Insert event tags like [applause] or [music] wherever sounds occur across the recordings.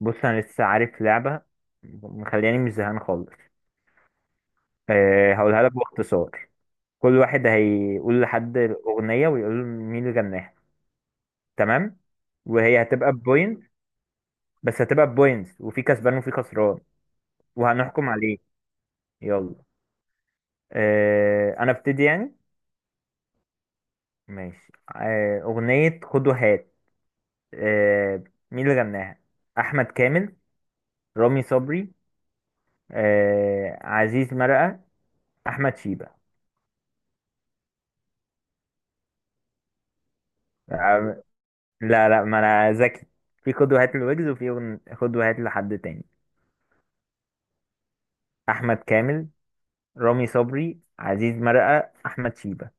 بص، انا لسه عارف لعبه مخلياني مش زهقان خالص. أه، هقولها لك باختصار. كل واحد هيقول لحد اغنيه ويقول له مين اللي غناها. تمام. وهي هتبقى بوينت، بس هتبقى بوينتس وفي كسبان وفي خسران. وهنحكم عليه. يلا. أه، انا ابتدي يعني. ماشي. اغنيه خد وهات. أه مين اللي غناها؟ احمد كامل، رامي صبري، عزيز مرقه، احمد شيبه. لا، لا، ما انا ذكي. في قدوة هاتل ويجز، وفي قدوة هاتل لحد تاني. احمد كامل، رامي صبري، عزيز مرقة، احمد شيبة.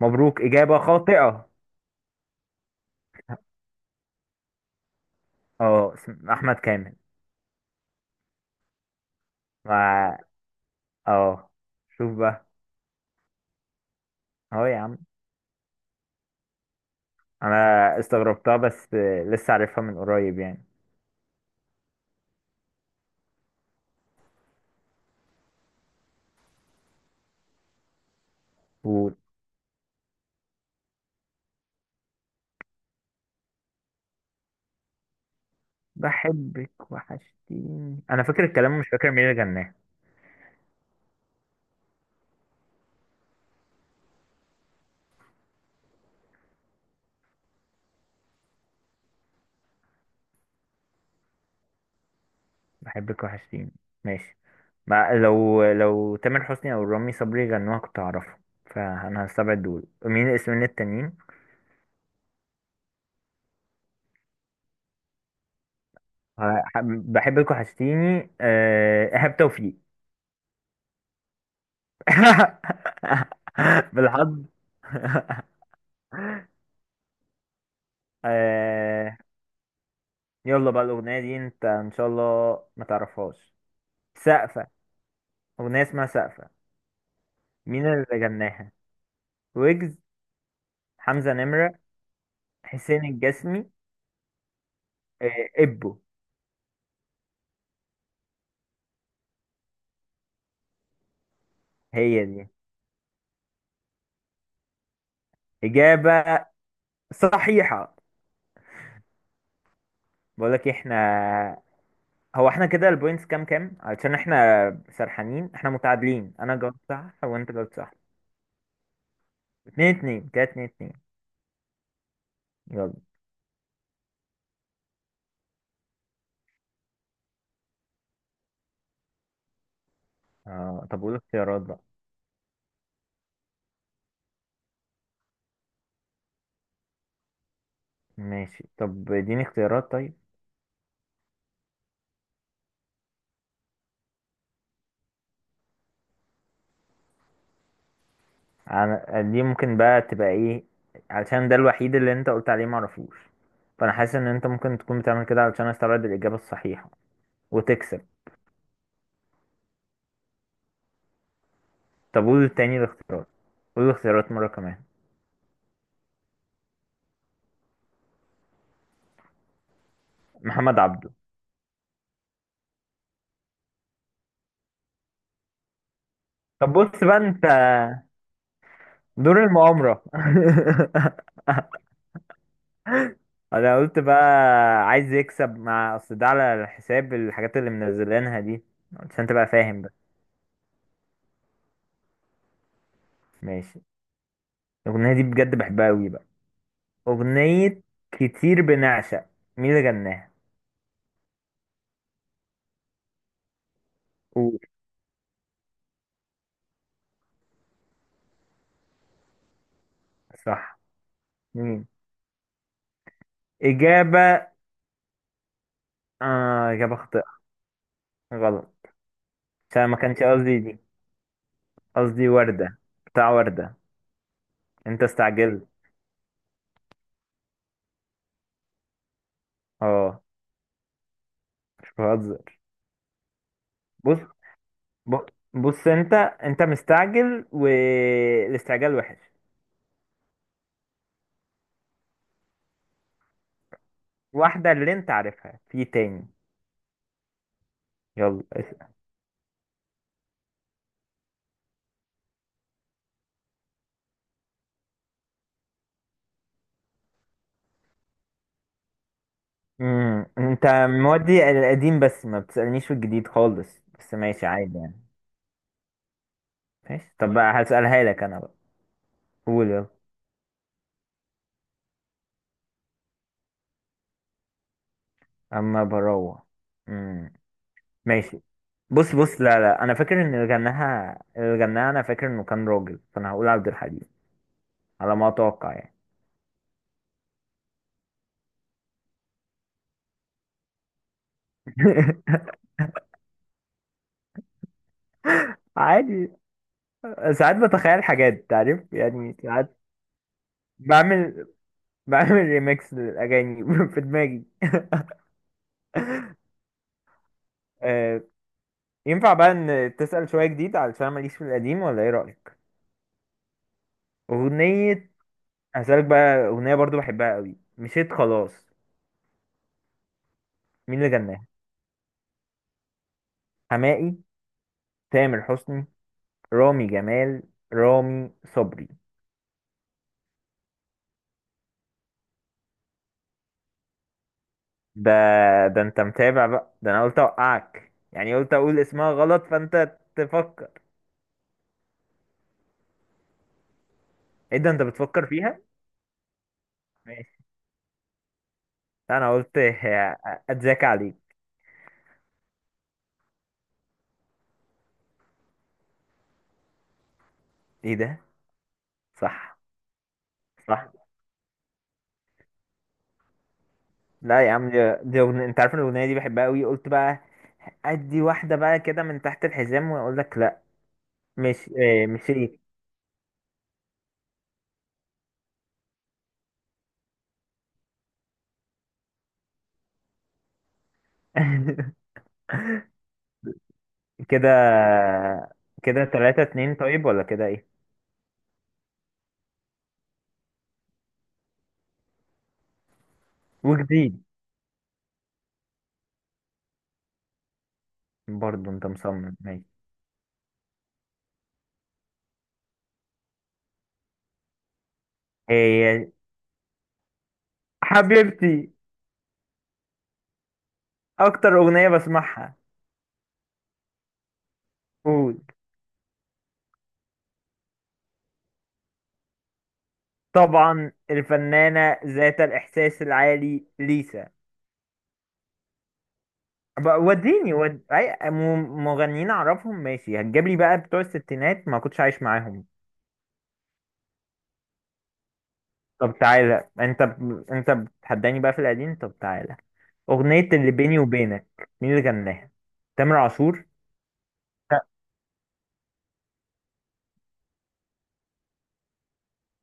مبروك، اجابة خاطئة. اه، احمد كامل. ما اه شوف بقى. اهو يا عم. انا استغربتها بس لسه عارفها من قريب يعني. قول. بحبك وحشتيني، انا فاكر الكلام مش فاكر مين اللي غناه. بحبك وحشتيني، ماشي. مع لو تامر حسني او رامي صبري غنوها كنت هعرفها. فانا هستبعد دول، مين الاسمين التانيين؟ بحبك وحشتيني ايهاب توفيق [laughs] بالحظ. آه. يلا بقى، الاغنيه دي انت ان شاء الله ما تعرفهاش. سقفه، اغنيه اسمها سقفه. مين اللي غناها؟ ويجز، حمزه نمره، حسين الجسمي، ابو. هي دي اجابه صحيحه. بقول لك احنا، هو احنا كده البوينتس كام كام، علشان احنا سرحانين، احنا متعادلين، انا جاوبت صح وانت جاوبت صح. اتنين اتنين كده، اتنين اتنين. يلا. آه، طب قول اختيارات بقى. ماشي، طب اديني اختيارات طيب. انا دي ممكن بقى تبقى ايه، علشان ده الوحيد اللي انت قلت عليه معرفوش. فانا حاسس ان انت ممكن تكون بتعمل كده علشان استبعد الاجابة الصحيحة وتكسب. طب قول تاني الاختيارات. قول الاختيارات مرة كمان. محمد عبده. طب بص بقى انت. دور المؤامرة [laughs] انا قلت بقى عايز يكسب مع اصل ده على حساب الحاجات اللي منزلينها دي، عشان تبقى فاهم بس. ماشي. الاغنيه دي بجد بحبها قوي بقى، اغنيه كتير بنعشق، مين اللي غناها؟ قول. صح، مين؟ اجابه. آه، اجابه خاطئه. غلط، عشان ما كانش قصدي دي، قصدي ورده، بتاع ورده، انت استعجلت. اه، مش بهزر. بص، بص. بص، انت مستعجل والاستعجال وحش. واحدة اللي انت عارفها في تاني. يلا، اسأل. انت مودي القديم، بس ما بتسألنيش في الجديد خالص، بس ماشي عادي يعني. ماشي، طب بقى هسألها لك انا بقى. قول يلا. اما بروح. امم ماشي. بص، بص، لا، لا، انا فاكر ان اللي غناها انا فاكر انه كان راجل، فانا هقول عبد الحليم. على ما اتوقع يعني. [laughs] عادي. ساعات بتخيل حاجات تعرف يعني، ساعات. بعمل بعمل ريميكس للاغاني [laughs] في دماغي. آه، ينفع بقى ان تسأل شوية جديد، علشان ماليش في القديم، ولا ايه رأيك؟ اغنية. هسألك بقى اغنية برضو بحبها قوي، مشيت خلاص، مين اللي غناها؟ حماقي، تامر حسني، رامي جمال، رامي صبري. ده، ده انت متابع بقى، ده انا قلت اوقعك يعني، قلت اقول اسمها غلط فانت تفكر. ايه ده، انت بتفكر فيها؟ ماشي، انا قلت [laughs] اتذاكى عليك. ايه ده؟ صح، صح. لا يا عم، دي أغنية أنت عارف إن الأغنية دي بحبها أوي قلت بقى. ادي واحده بقى كده من تحت الحزام واقول لك لا. مش إيه، مش ايه؟ [laughs] كده، كده تلاتة اتنين، طيب ولا كده ايه؟ وجديد برضو، انت مصمم، ماشي. هي حبيبتي، اكتر اغنية بسمعها. قول. طبعا، الفنانة ذات الاحساس العالي، ليسا. بقى وديني أي مغنيين اعرفهم، ماشي هتجيب لي بقى بتوع الستينات ما كنتش عايش معاهم. طب تعالى، انت بتحداني بقى في القديم، طب تعالى. أغنية اللي بيني وبينك مين اللي غناها؟ تامر عاشور؟ لا.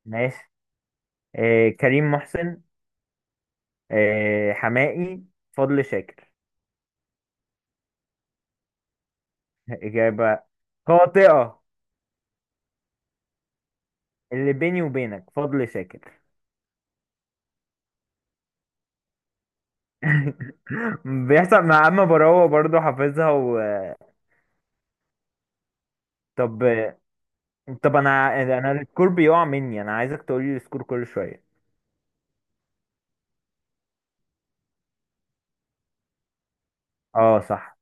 ماشي. آه، كريم محسن. آه، حماقي. فضل شاكر. إجابة خاطئة. اللي بيني وبينك فضل شاكر [laughs] بيحصل مع أما براوة برضه، حافظها طب، طب، أنا السكور بيقع مني، أنا عايزك تقولي السكور كل شوية. اه، صح.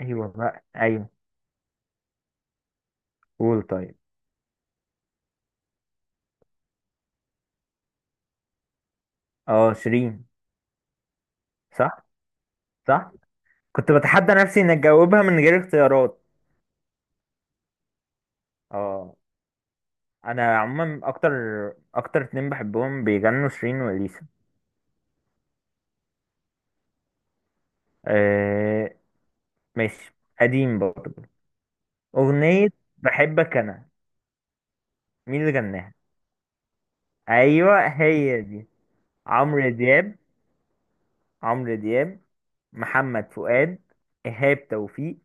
أيوه بقى، أيوه. قول، طيب. اه، شيرين. صح، صح. كنت بتحدى نفسي إن أجاوبها من غير اختيارات. اه، انا عموما اكتر اتنين بحبهم بيغنوا، شيرين واليسا. أه، ماشي. قديم برضه. اغنية بحبك انا، مين اللي غناها؟ ايوه، هي دي. عمرو دياب عمرو دياب. محمد فؤاد. ايهاب توفيق.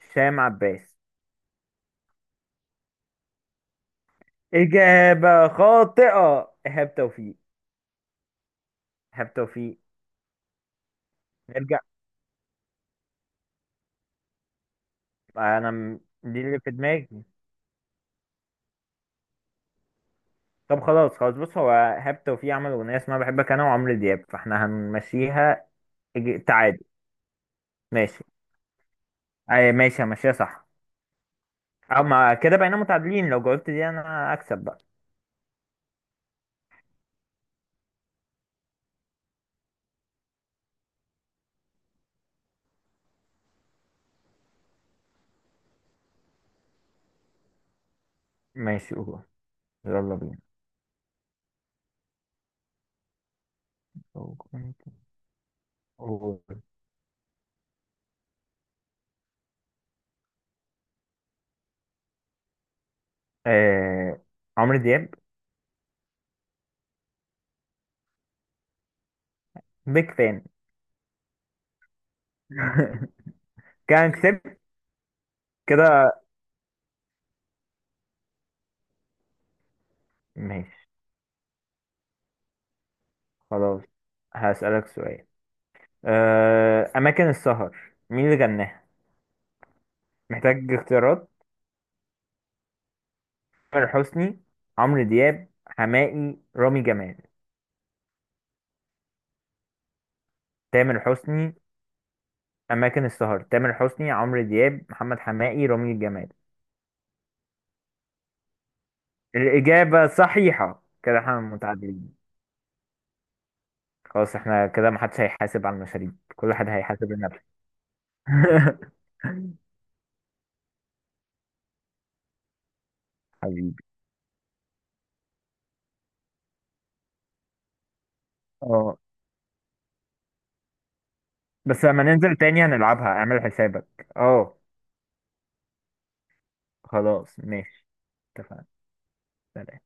هشام عباس. اجابة خاطئة، ايهاب توفيق. ايهاب توفيق. نرجع، انا دي اللي في دماغي. طب، خلاص، خلاص، بص، هو ايهاب توفيق عمل اغنية اسمها بحبك انا وعمرو دياب، فاحنا هنمشيها. تعادل. ماشي. أي، ماشي، ماشي، صح. أو ما كده بقينا متعادلين، لو جاوبت دي أنا أكسب بقى. ماشي، قول. يلا بينا. لو كنت، قول. آه... عمرو دياب. بيك فان [laughs] كان كسبت كده. ماشي، خلاص. هسألك سؤال. أماكن السهر، مين اللي غناها؟ محتاج اختيارات. تامر حسني، عمرو دياب، حماقي، رامي جمال. تامر حسني. أماكن السهر، تامر حسني، عمرو دياب، محمد حماقي، رامي جمال. الإجابة صحيحة، كده احنا متعادلين. خلاص، احنا كده محدش هيحاسب على المشاريب، كل واحد هيحاسب لنفسه. [laughs] حبيبي. اه، بس لما ننزل تاني هنلعبها، اعمل حسابك. اه، خلاص، ماشي. اتفقنا، سلام.